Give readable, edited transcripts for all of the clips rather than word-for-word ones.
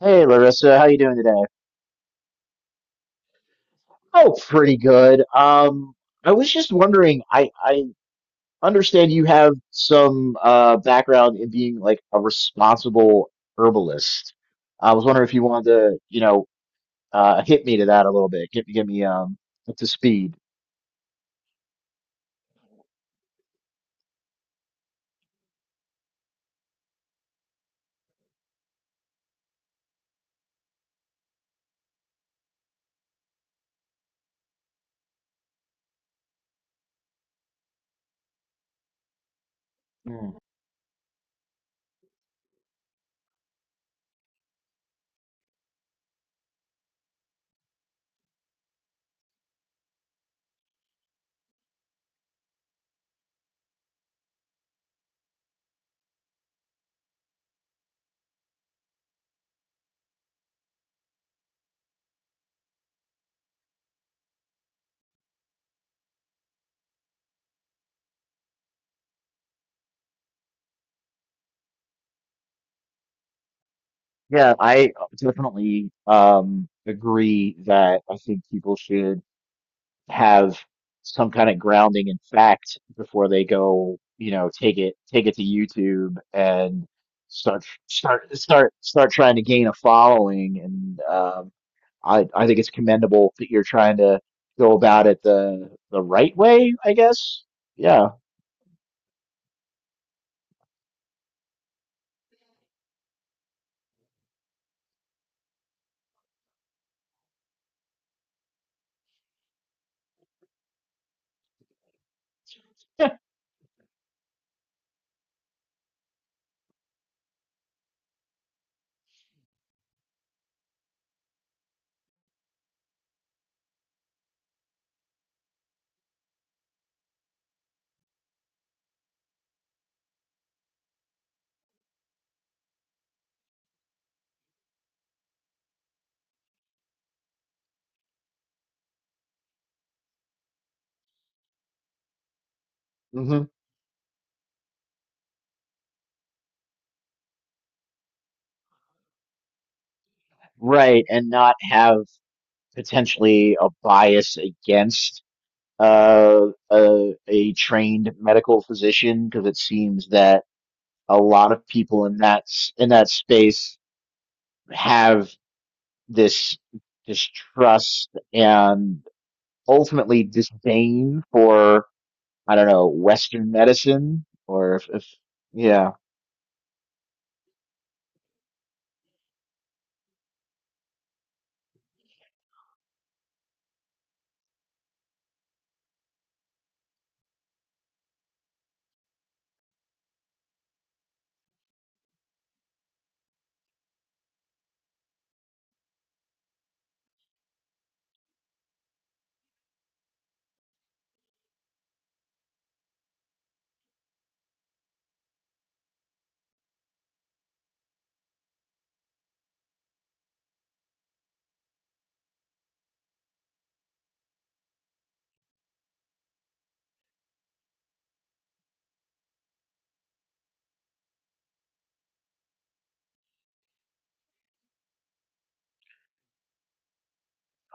Hey Larissa, how you doing today? Oh, pretty good. I was just wondering, I understand you have some background in being like a responsible herbalist. I was wondering if you wanted to, hit me to that a little bit. Get me up to speed. Mm. Yeah, I definitely agree that I think people should have some kind of grounding in fact before they go, you know, take it to YouTube and start trying to gain a following. And I think it's commendable that you're trying to go about it the right way, I guess. Yeah. hmm Right, and not have potentially a bias against a trained medical physician, because it seems that a lot of people in in that space have this distrust and ultimately disdain for, I don't know, Western medicine or if. Yeah.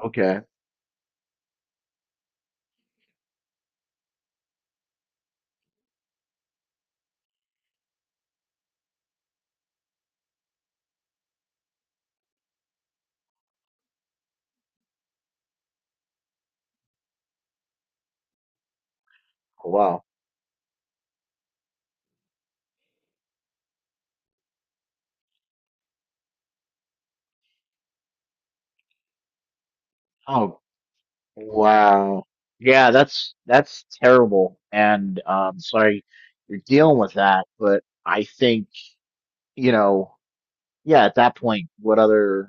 Okay. Wow. Oh, wow. Yeah, that's terrible, and sorry you're dealing with that, but I think, you know, yeah, at that point, what other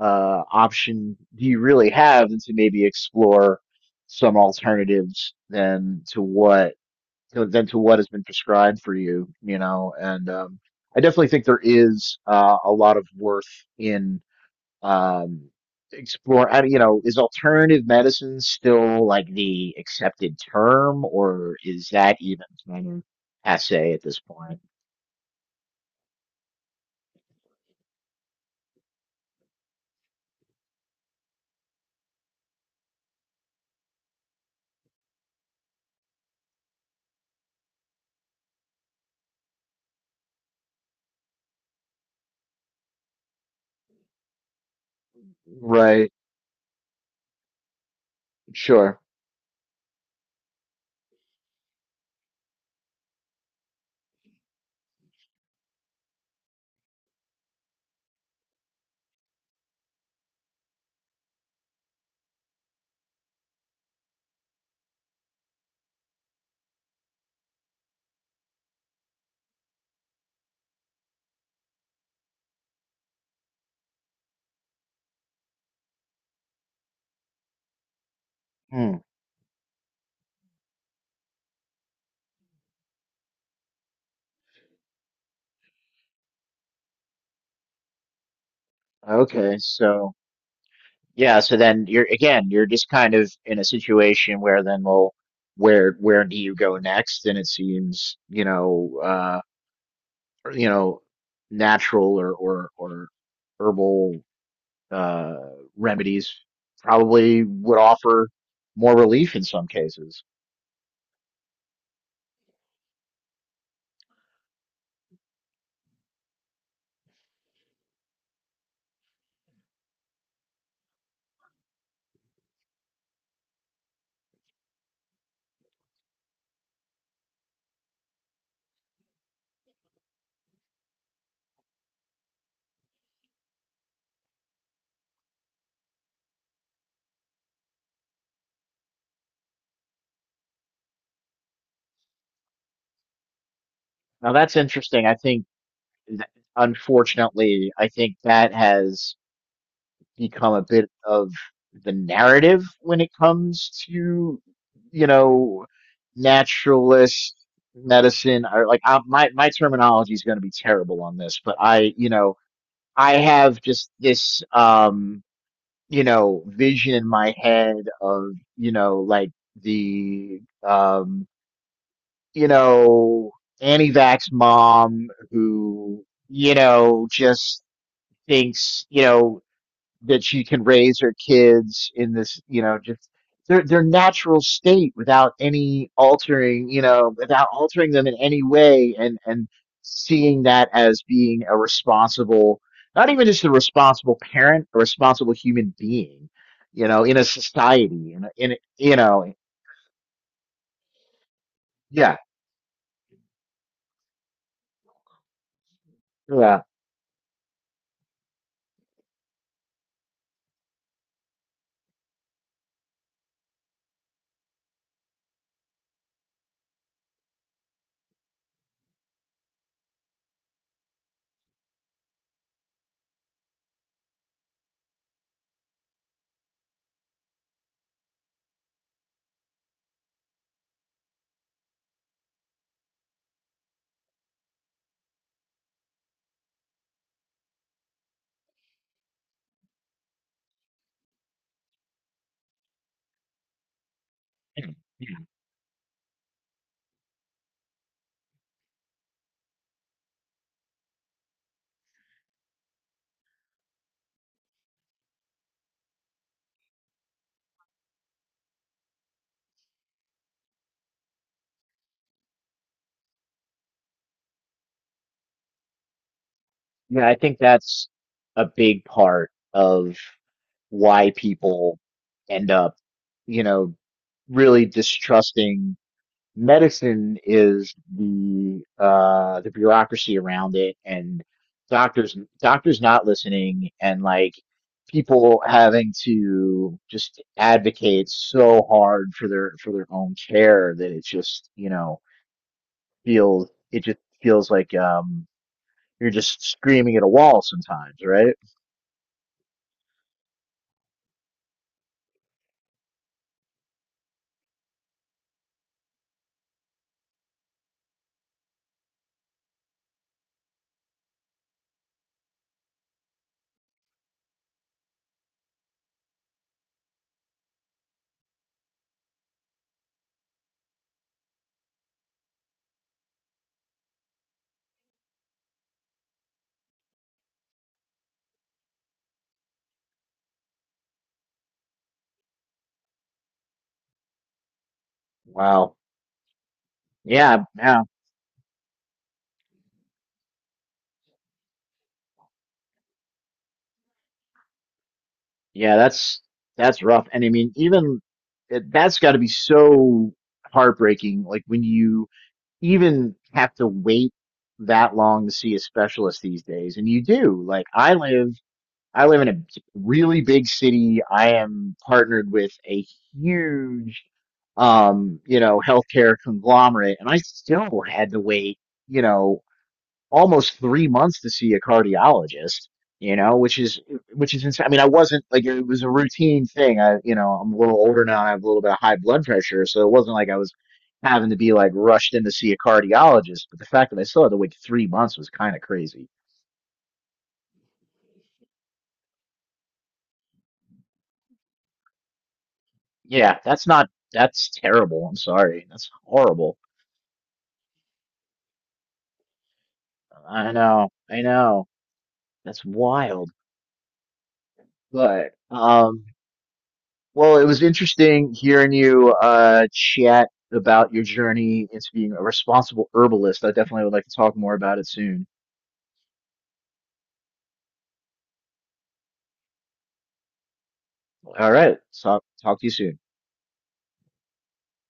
option do you really have than to maybe explore some alternatives than to what, than to what has been prescribed for you, you know? And I definitely think there is a lot of worth in, um, explore. I, you know, is alternative medicine still like the accepted term, or is that even kind of passe at this point? Right. Sure. Hmm. Okay. So. Yeah, so then you're, again, you're just kind of in a situation where then, well, where do you go next? And it seems, you know, natural or or herbal uh remedies probably would offer more relief in some cases. Now that's interesting. I think, unfortunately, I think that has become a bit of the narrative when it comes to, you know, naturalist medicine, or like I, my terminology is going to be terrible on this, but I, you know, I have just this, you know, vision in my head of, you know, like the, um, you know, anti-vax mom who, you know, just thinks, you know, that she can raise her kids in this, you know, just their natural state without any altering, you know, without altering them in any way, and seeing that as being a responsible, not even just a responsible parent, a responsible human being, you know, in a society, in a, you know, yeah, yeah, yeah. I think that's a big part of why people end up, you know, really distrusting medicine is the the bureaucracy around it, and doctors not listening, and like people having to just advocate so hard for their own care, that it just, you know, feels, it just feels like, you're just screaming at a wall sometimes, right? Wow. Yeah. Yeah, that's rough. And I mean, even that's got to be so heartbreaking, like when you even have to wait that long to see a specialist these days. And you do. I live in a really big city. I am partnered with a huge, you know, healthcare conglomerate, and I still had to wait. You know, almost 3 months to see a cardiologist, you know, which is insane. I mean, I wasn't, like, it was a routine thing. I, you know, I'm a little older now. I have a little bit of high blood pressure, so it wasn't like I was having to be like rushed in to see a cardiologist. But the fact that I still had to wait 3 months was kind of crazy. Yeah, that's not, that's terrible. I'm sorry, that's horrible. I know, that's wild. But. Well, it was interesting hearing you chat about your journey into being a responsible herbalist. I definitely would like to talk more about it soon. All right. Talk to you soon.